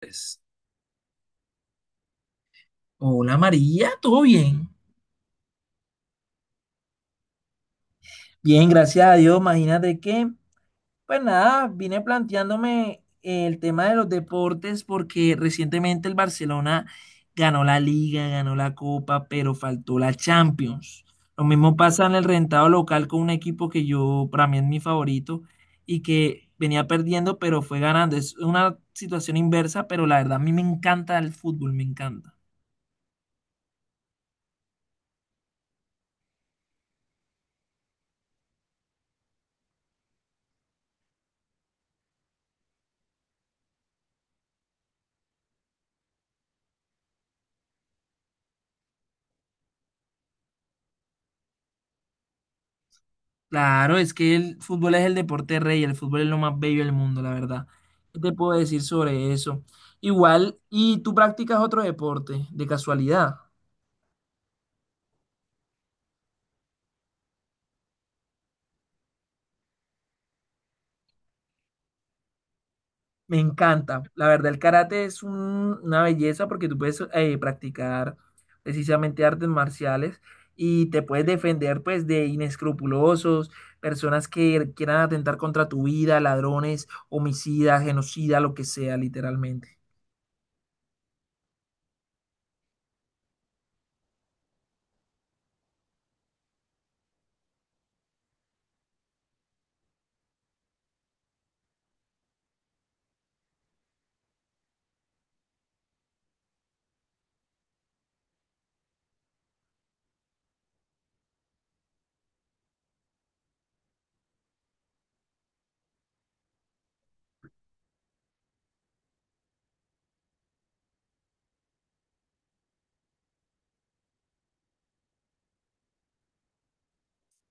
Pues, hola María, ¿todo bien? Bien, gracias a Dios. Imagínate que, pues nada, vine planteándome el tema de los deportes porque recientemente el Barcelona ganó la Liga, ganó la Copa, pero faltó la Champions. Lo mismo pasa en el rentado local con un equipo que yo, para mí es mi favorito y que venía perdiendo, pero fue ganando. Es una situación inversa, pero la verdad a mí me encanta el fútbol, me encanta. Claro, es que el fútbol es el deporte rey, el fútbol es lo más bello del mundo, la verdad. ¿Qué te puedo decir sobre eso? Igual, ¿y tú practicas otro deporte, de casualidad? Me encanta. La verdad, el karate es una belleza porque tú puedes practicar precisamente artes marciales y te puedes defender pues de inescrupulosos, personas que quieran atentar contra tu vida, ladrones, homicidas, genocida, lo que sea, literalmente.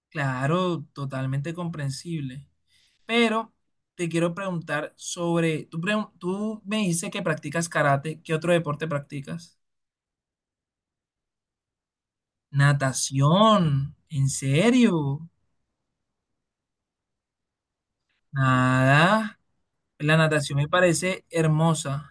Claro, totalmente comprensible. Pero te quiero preguntar sobre, tú, tú me dices que practicas karate, ¿qué otro deporte practicas? Natación, ¿en serio? Nada, la natación me parece hermosa.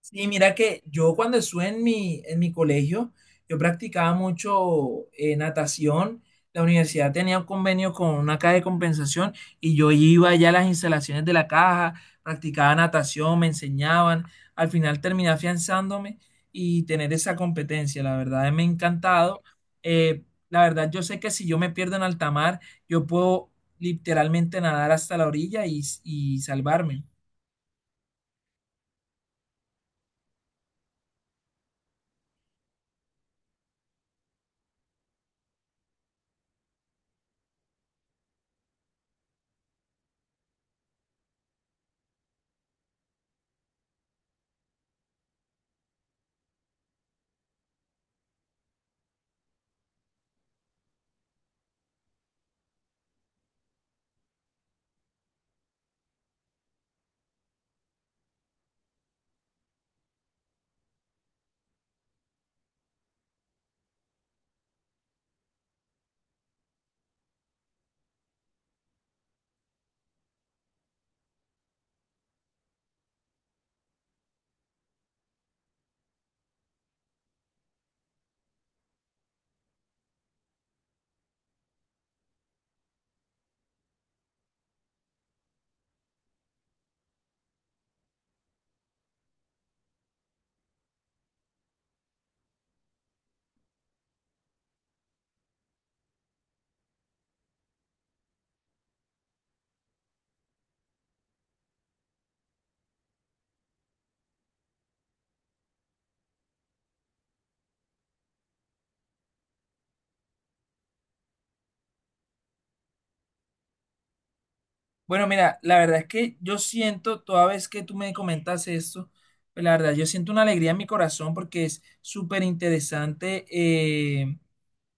Sí, mira que yo cuando estuve en en mi colegio, yo practicaba mucho natación. La universidad tenía un convenio con una caja de compensación y yo iba allá a las instalaciones de la caja, practicaba natación, me enseñaban. Al final terminé afianzándome y tener esa competencia, la verdad, me ha encantado. Eh, la verdad, yo sé que si yo me pierdo en alta mar, yo puedo literalmente nadar hasta la orilla y salvarme. Bueno, mira, la verdad es que yo siento, toda vez que tú me comentas esto, pues la verdad, yo siento una alegría en mi corazón porque es súper interesante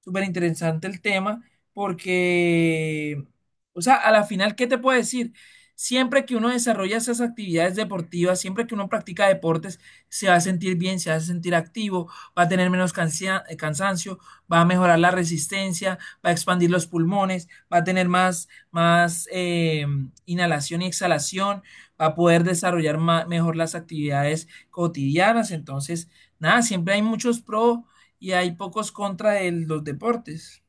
súper interesante el tema porque, o sea, a la final, ¿qué te puedo decir? Siempre que uno desarrolla esas actividades deportivas, siempre que uno practica deportes, se va a sentir bien, se va a sentir activo, va a tener menos cansancio, va a mejorar la resistencia, va a expandir los pulmones, va a tener más inhalación y exhalación, va a poder desarrollar mejor las actividades cotidianas. Entonces, nada, siempre hay muchos pros y hay pocos contra el los deportes.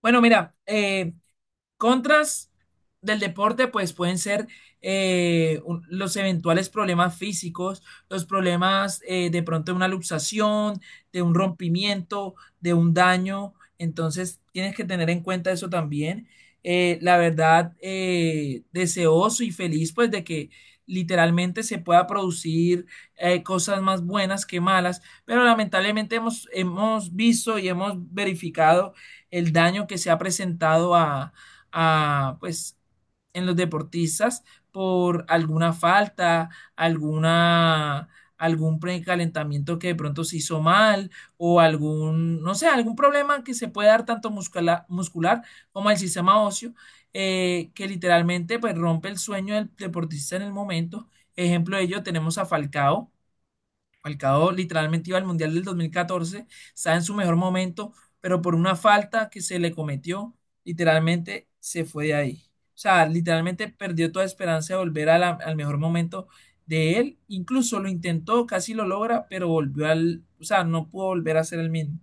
Bueno, mira, contras del deporte, pues pueden ser los eventuales problemas físicos, los problemas de pronto de una luxación, de un rompimiento, de un daño. Entonces, tienes que tener en cuenta eso también. La verdad, deseoso y feliz, pues, de que literalmente se pueda producir cosas más buenas que malas, pero lamentablemente hemos visto y hemos verificado el daño que se ha presentado pues, en los deportistas por alguna falta, alguna, algún precalentamiento que de pronto se hizo mal o algún, no sé, algún problema que se puede dar tanto muscular como al sistema óseo, que literalmente pues rompe el sueño del deportista en el momento. Ejemplo de ello tenemos a Falcao, Falcao literalmente iba al Mundial del 2014, está en su mejor momento, pero por una falta que se le cometió, literalmente se fue de ahí. O sea, literalmente perdió toda esperanza de volver a al mejor momento de él. Incluso lo intentó, casi lo logra, pero volvió al, o sea, no pudo volver a ser el mismo.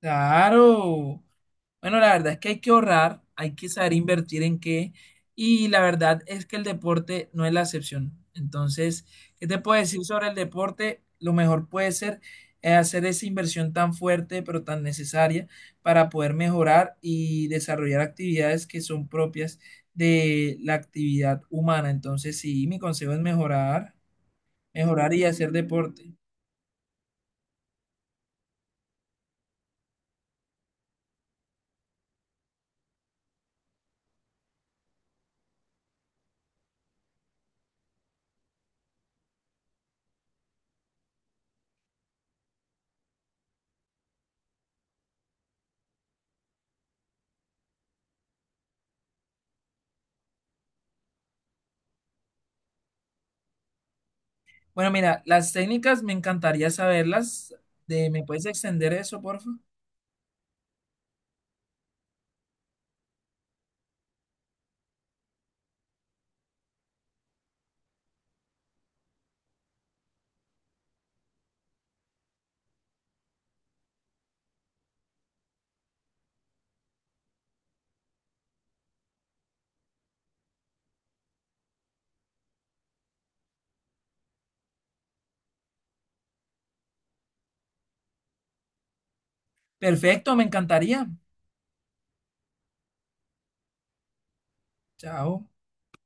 Claro. Bueno, la verdad es que hay que ahorrar, hay que saber invertir en qué, y la verdad es que el deporte no es la excepción. Entonces, ¿qué te puedo decir sobre el deporte? Lo mejor puede ser hacer esa inversión tan fuerte, pero tan necesaria para poder mejorar y desarrollar actividades que son propias de la actividad humana. Entonces, sí, mi consejo es mejorar, mejorar y hacer deporte. Bueno, mira, las técnicas me encantaría saberlas. De, ¿me puedes extender eso, por favor? Perfecto, me encantaría. Chao.